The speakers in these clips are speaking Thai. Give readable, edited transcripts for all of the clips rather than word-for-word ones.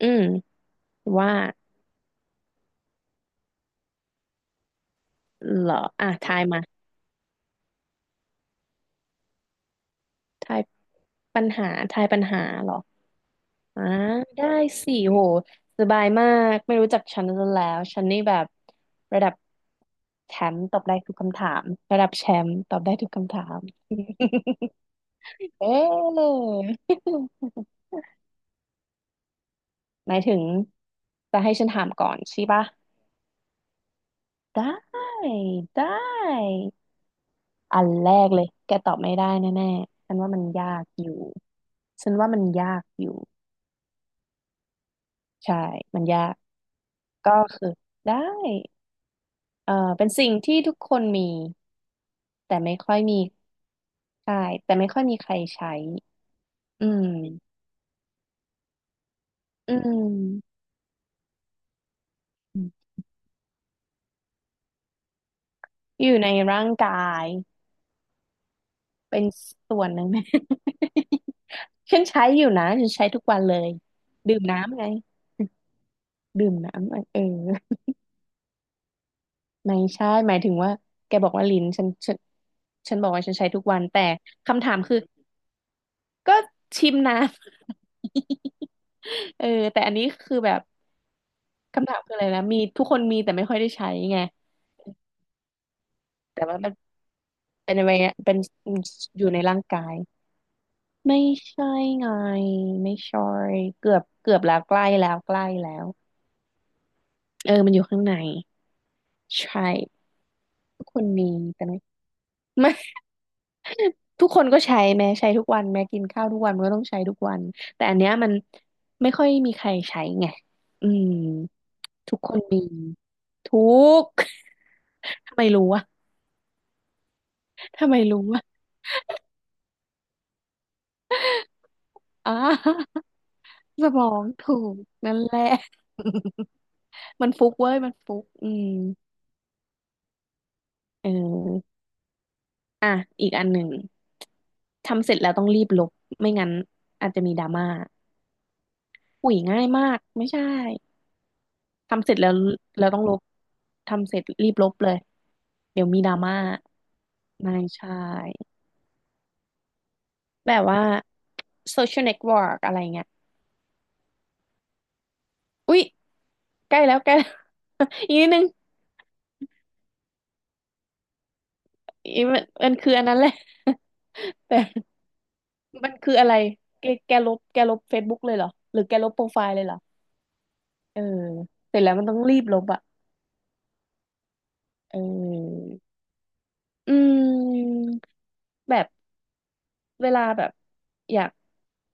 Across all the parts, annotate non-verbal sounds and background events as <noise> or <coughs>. อืมว่าเหรออ่ะทายมาทายปัญหาทายปัญหาเหรออ่าได้สิโหสบายมากไม่รู้จักฉันซะแล้วฉันนี่แบบระดับแชมป์ตอบได้ทุกคำถามระดับแชมป์ตอบได้ทุกคำถาม <laughs> เอ๊ะหมายถึงจะให้ฉันถามก่อนใช่ปะได้ได้อันแรกเลยแกตอบไม่ได้แน่ๆฉันว่ามันยากอยู่ฉันว่ามันยากอยู่ ใช่ มันยาก ก็คือได้เป็นสิ่งที่ทุกคนมีแต่ไม่ค่อยมีใช่แต่ไม่ค่อยมีใครใช้อืมอืมอยู่ในร่างกายเป็นส่วนหนึ่ง <laughs> ไหม <laughs> ฉันใช้อยู่นะ ฉันใช้ทุกวันเลย ดื่มน้ำไง ดื่มน้ำไงเออไม่ใช่หมายถึงว่าแกบอกว่าลิ้นฉันฉันบอกว่าฉันใช้ทุกวัน แต่คำถามคือก็ชิมน้ำ <laughs> เออแต่อันนี้คือแบบ คำถามคืออะไรนะมีทุกคนมีแต่ไม่ค่อยได้ใช้ไงแต่ว่ามัน anyway เป็นอะไรเเป็นอยู่ในร่างกายไม่ใช่ไงไม่ใช่เกือบแล้วใกล้แล้วใกล้แล้วเออมันอยู่ข้างในใช่ทุกคนมีแต่ไม่ <laughs> ทุกคนก็ใช้แม้ใช้ทุกวันแม้กินข้าวทุกวันมันก็ต้องใช้ทุกวันแต่อันเนี้ยมันไม่ค่อยมีใครใช้ไงอืมทุกคนมีทุก <laughs> ทำไมรู้วะทำไมรู้วะอ่า สมองถูกนั่นแหละมันฟุกเว้ยมันฟุกอืมเอออ่ะอีกอันหนึ่งทำเสร็จแล้วต้องรีบลบไม่งั้นอาจจะมีดราม่าอุ้ยง่ายมากไม่ใช่ทำเสร็จแล้วเราต้องลบทำเสร็จรีบลบเลยเดี๋ยวมีดราม่าไม่ใช่แบบว่า social network อะไรเงี้ยอุ้ยใกล้แล้วใกล้แล้ว <laughs> อีกนิดนึงอีกมันคืออันนั้นแหละ <laughs> แต่ มันคืออะไรแกแกลบเฟซบุ๊กเลยเหรอหรือแกลบโปรไฟล์เลยเหรอเออเสร็จแล้วมันต้องรีบลบอ่ะเอออืมแบบเวลาแบบอยาก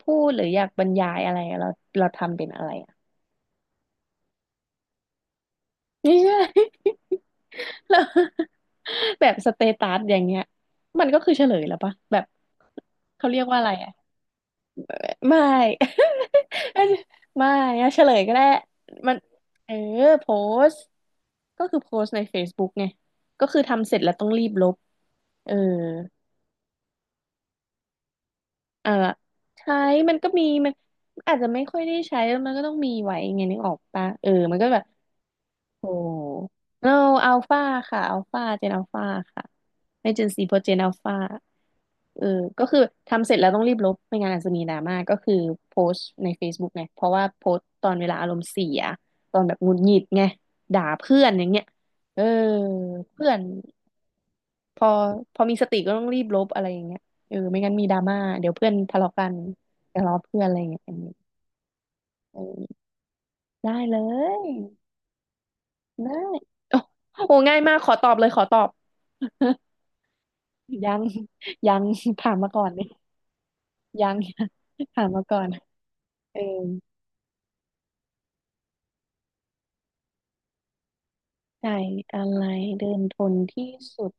พูดหรืออยากบรรยายอะไรอะเราทำเป็นอะไรอะไม่ใช่ <laughs> แล้ <laughs> แบบสเตตัสอย่างเงี้ยมันก็คือเฉลยแล้วปะแบบเขาเรียกว่าอะไรอะ ไม่ <laughs> ไม่อะเฉลยก็ได้มัน เออ โพสต์ก็คือโพสต์ใน Facebook ไงก็คือทำเสร็จแล้วต้องรีบลบเออ อ่ะใช้ มันก็มีมันอาจจะไม่ค่อยได้ใช้แล้วมันก็ต้องมีไว้ไงนึกออกปะเออ มันก็แบบ โอ้โนอัลฟาค่ะอัลฟาเจนอัลฟาค่ะไม่เจนซีเพราะเจนอัลฟาเออก็คือทำเสร็จแล้วต้องรีบลบไม่งั้นอาจจะมีดราม่าก็คือโพสต์ใน Facebook ไงเพราะว่าโพสต์ตอนเวลาอารมณ์เสียตอนแบบหงุดหงิดไงด่าเพื่อนอย่างเงี้ยเออเพื่อนพอพอมีสติก็ต้องรีบลบอะไรอย่างเงี้ยเออไม่งั้นมีดราม่าเดี๋ยวเพื่อนทะเลาะกันทะเลาะเพื่อนอะไรอย่างเงี้ยเออได้เลย ได้ โอ้โหง่ายมากขอตอบเลยขอตอบ <laughs> ยังยังถามมาก่อนดิยยังถามมาก่อนเออไก่อะไรเดินทนที่สุด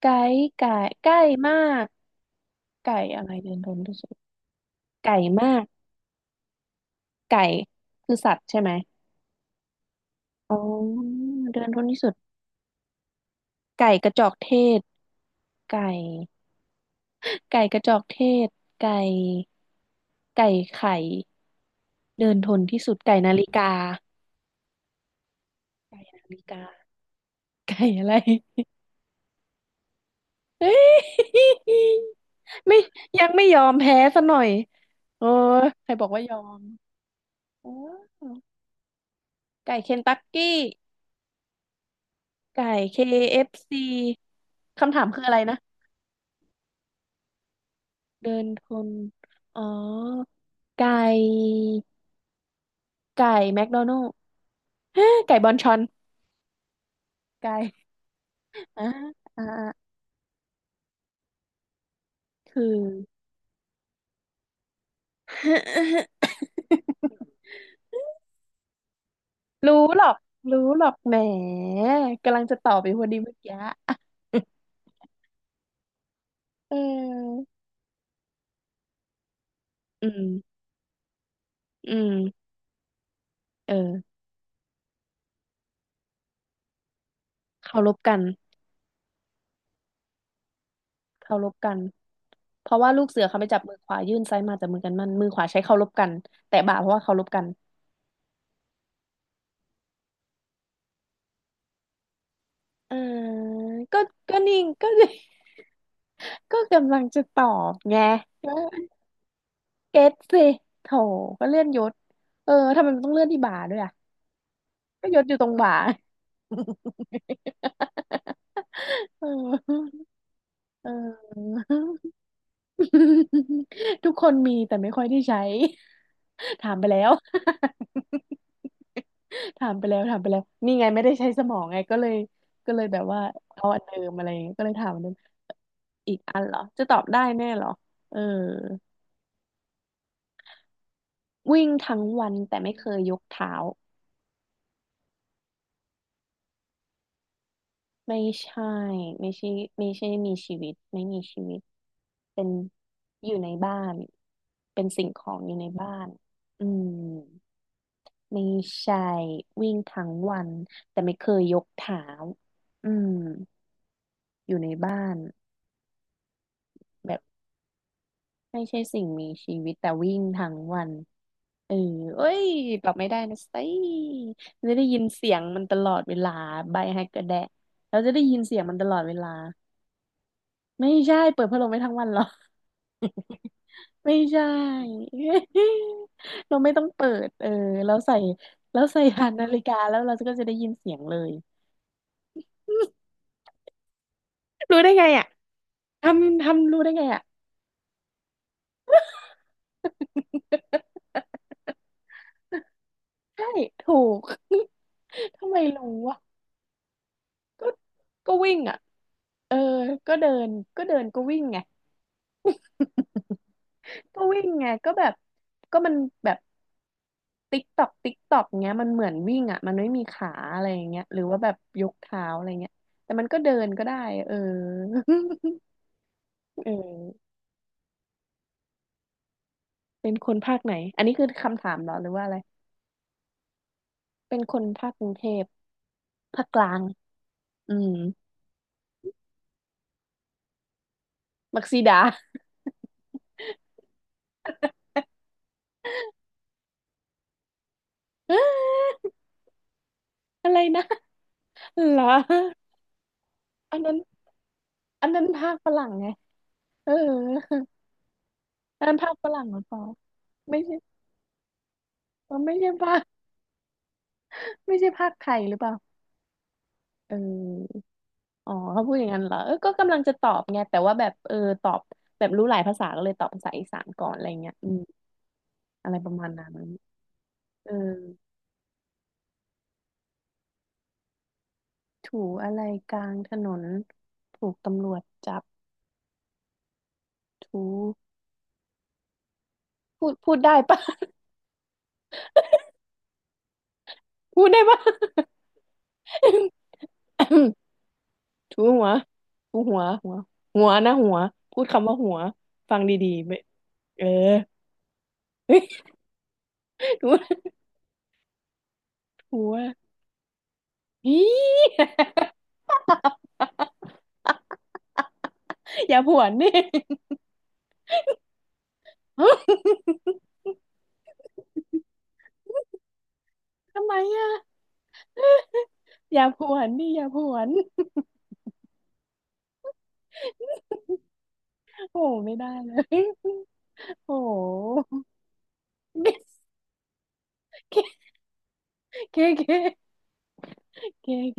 ไก่ไก่ไก่มากไก่อะไรเดินทนที่สุดไก่มากไก่คือสัตว์ใช่ไหมอ๋อเดินทนที่สุดไก่กระจอกเทศไก่ไก่กระจอกเทศไก่ไก่ไข่เดินทนที่สุดไก่นาฬิกาไก่นาฬิกา ไก่อะไร <laughs> ไม่ยังไม่ยอมแพ้ซะหน่อยเออใครบอกว่ายอมโอไก่เคนตักกี้ไก่ KFC คเอฟซีคำถามคืออะไรนะ เดินคนอ๋อไก่ ไก่แมคโดนัลด์ไก่บอนชอนไก่อ่าอ่าคือ รู้หรอกรู้หรอกแหมกำลังจะตอบไปพอดีเมื่อกี้เอออืม อืมเออเคารพกันเคารพกันเพราะว่าลูกเสือเขาไปจับมือขวายื่นซ้ายมาจับมือกันมันมือขวาใช้เคารพกันแต่บ่าเพราะว่าเคารพกันเออก็ก็นิ่งก็ <laughs> ก็กำลังจะตอบไงเก็ตสิโถก็เลื่อนยศเออทำไมมันต้องเลื่อนที่บ่าด้วยอ่ะก็ยศอยู่ตรงบ่า <laughs> เออเออ <laughs> ทุกคนมีแต่ไม่ค่อยได้ใช้ <laughs> ถามไปแล้ว <laughs> ถามไปแล้วนี่ไงไม่ได้ใช้สมองไงก็เลยแบบว่าเอาอันเดิมอะไรอย่างเงี้ยก็เลยถามอันเดิมอีกอันเหรอจะตอบได้แน่เหรอเออวิ่งทั้งวันแต่ไม่เคยยกเท้าไม่ใช่ไม่ใช่ไม่ใช่มีชีวิตไม่มีชีวิตเป็นอยู่ในบ้านเป็นสิ่งของอยู่ในบ้านอืม ไม่ใช่วิ่งทั้งวันแต่ไม่เคยยกเท้าอืมอยู่ในบ้านแบบไม่ใช่สิ่งมีชีวิตแต่วิ่งทั้งวันเออเอ้ยตอบไม่ได้นะสิจะได้ยินเสียงมันตลอดเวลาใบให้กระแดะเราจะได้ยินเสียงมันตลอดเวลาไม่ใช่เปิดพัดลมไม่ทั้งวันหรอ <laughs> ไม่ใช่ <laughs> เราไม่ต้องเปิดเออเราใส่เราใส่ <laughs> ผ่านนาฬิกาแล้วเราก็จะได้ยินเสียงเลย <laughs> รู้ได้ไงอ่ะ ทำรู้ได้ไงอ่ะใช่ถูก <laughs> ทำไมรู้อ่ะก็ก็วิ่งอ่ะเออก็เดินก็เดินก็วิ่งไง <laughs> ก็วิ่งไงก็แบบก็มันแบบติ๊กตอกติ๊กตอกเงี้ยมันเหมือนวิ่งอ่ะมันไม่มีขาอะไรอย่างเงี้ยหรือว่าแบบยกเท้าอะไรเงี้ยแต่มันก็เดินก็ได้เออ <laughs> เออเป็นคนภาคไหนอันนี้คือคำถามเหรอหรือว่าอะไรเป็นคนภาคกรุงเทพภาคกลางอืมมักซีดา <laughs> อะไรนะ เหรออันนั้นอันนั้นภาคฝรั่งไงเอออันนั้นภาคฝรั่งหรือเปล่าไม่ใช่เออไม่ใช่ภาคไม่ใช่ภาคไทยหรือเปล่าเอออ๋อเขาพูดอย่างนั้นเหรอเออก็กำลังจะตอบไงแต่ว่าแบบเออตอบแบบรู้หลายภาษาก็เลยตอบภาษาอีสานก่อนอะไรเงี้ยอืมอะไรประมาณนั้นเออถูอะไรกลางถนนถูกตำรวจจับถูพูดได้ปะ <laughs> พูดได้ปะ <laughs> <coughs> ถูหัวถูหัวหัวนะหัวพูดคำว่าหัวฟังดีๆไม่เออ <laughs> ถูหัวอี <laughs> อย่าผวนดิ <laughs> ทำไมอ่ะอย่าผวนดิอย่าผวน <laughs> โอ้ไม่ได้เลย <laughs> โอ้ <laughs> เคเคเคเค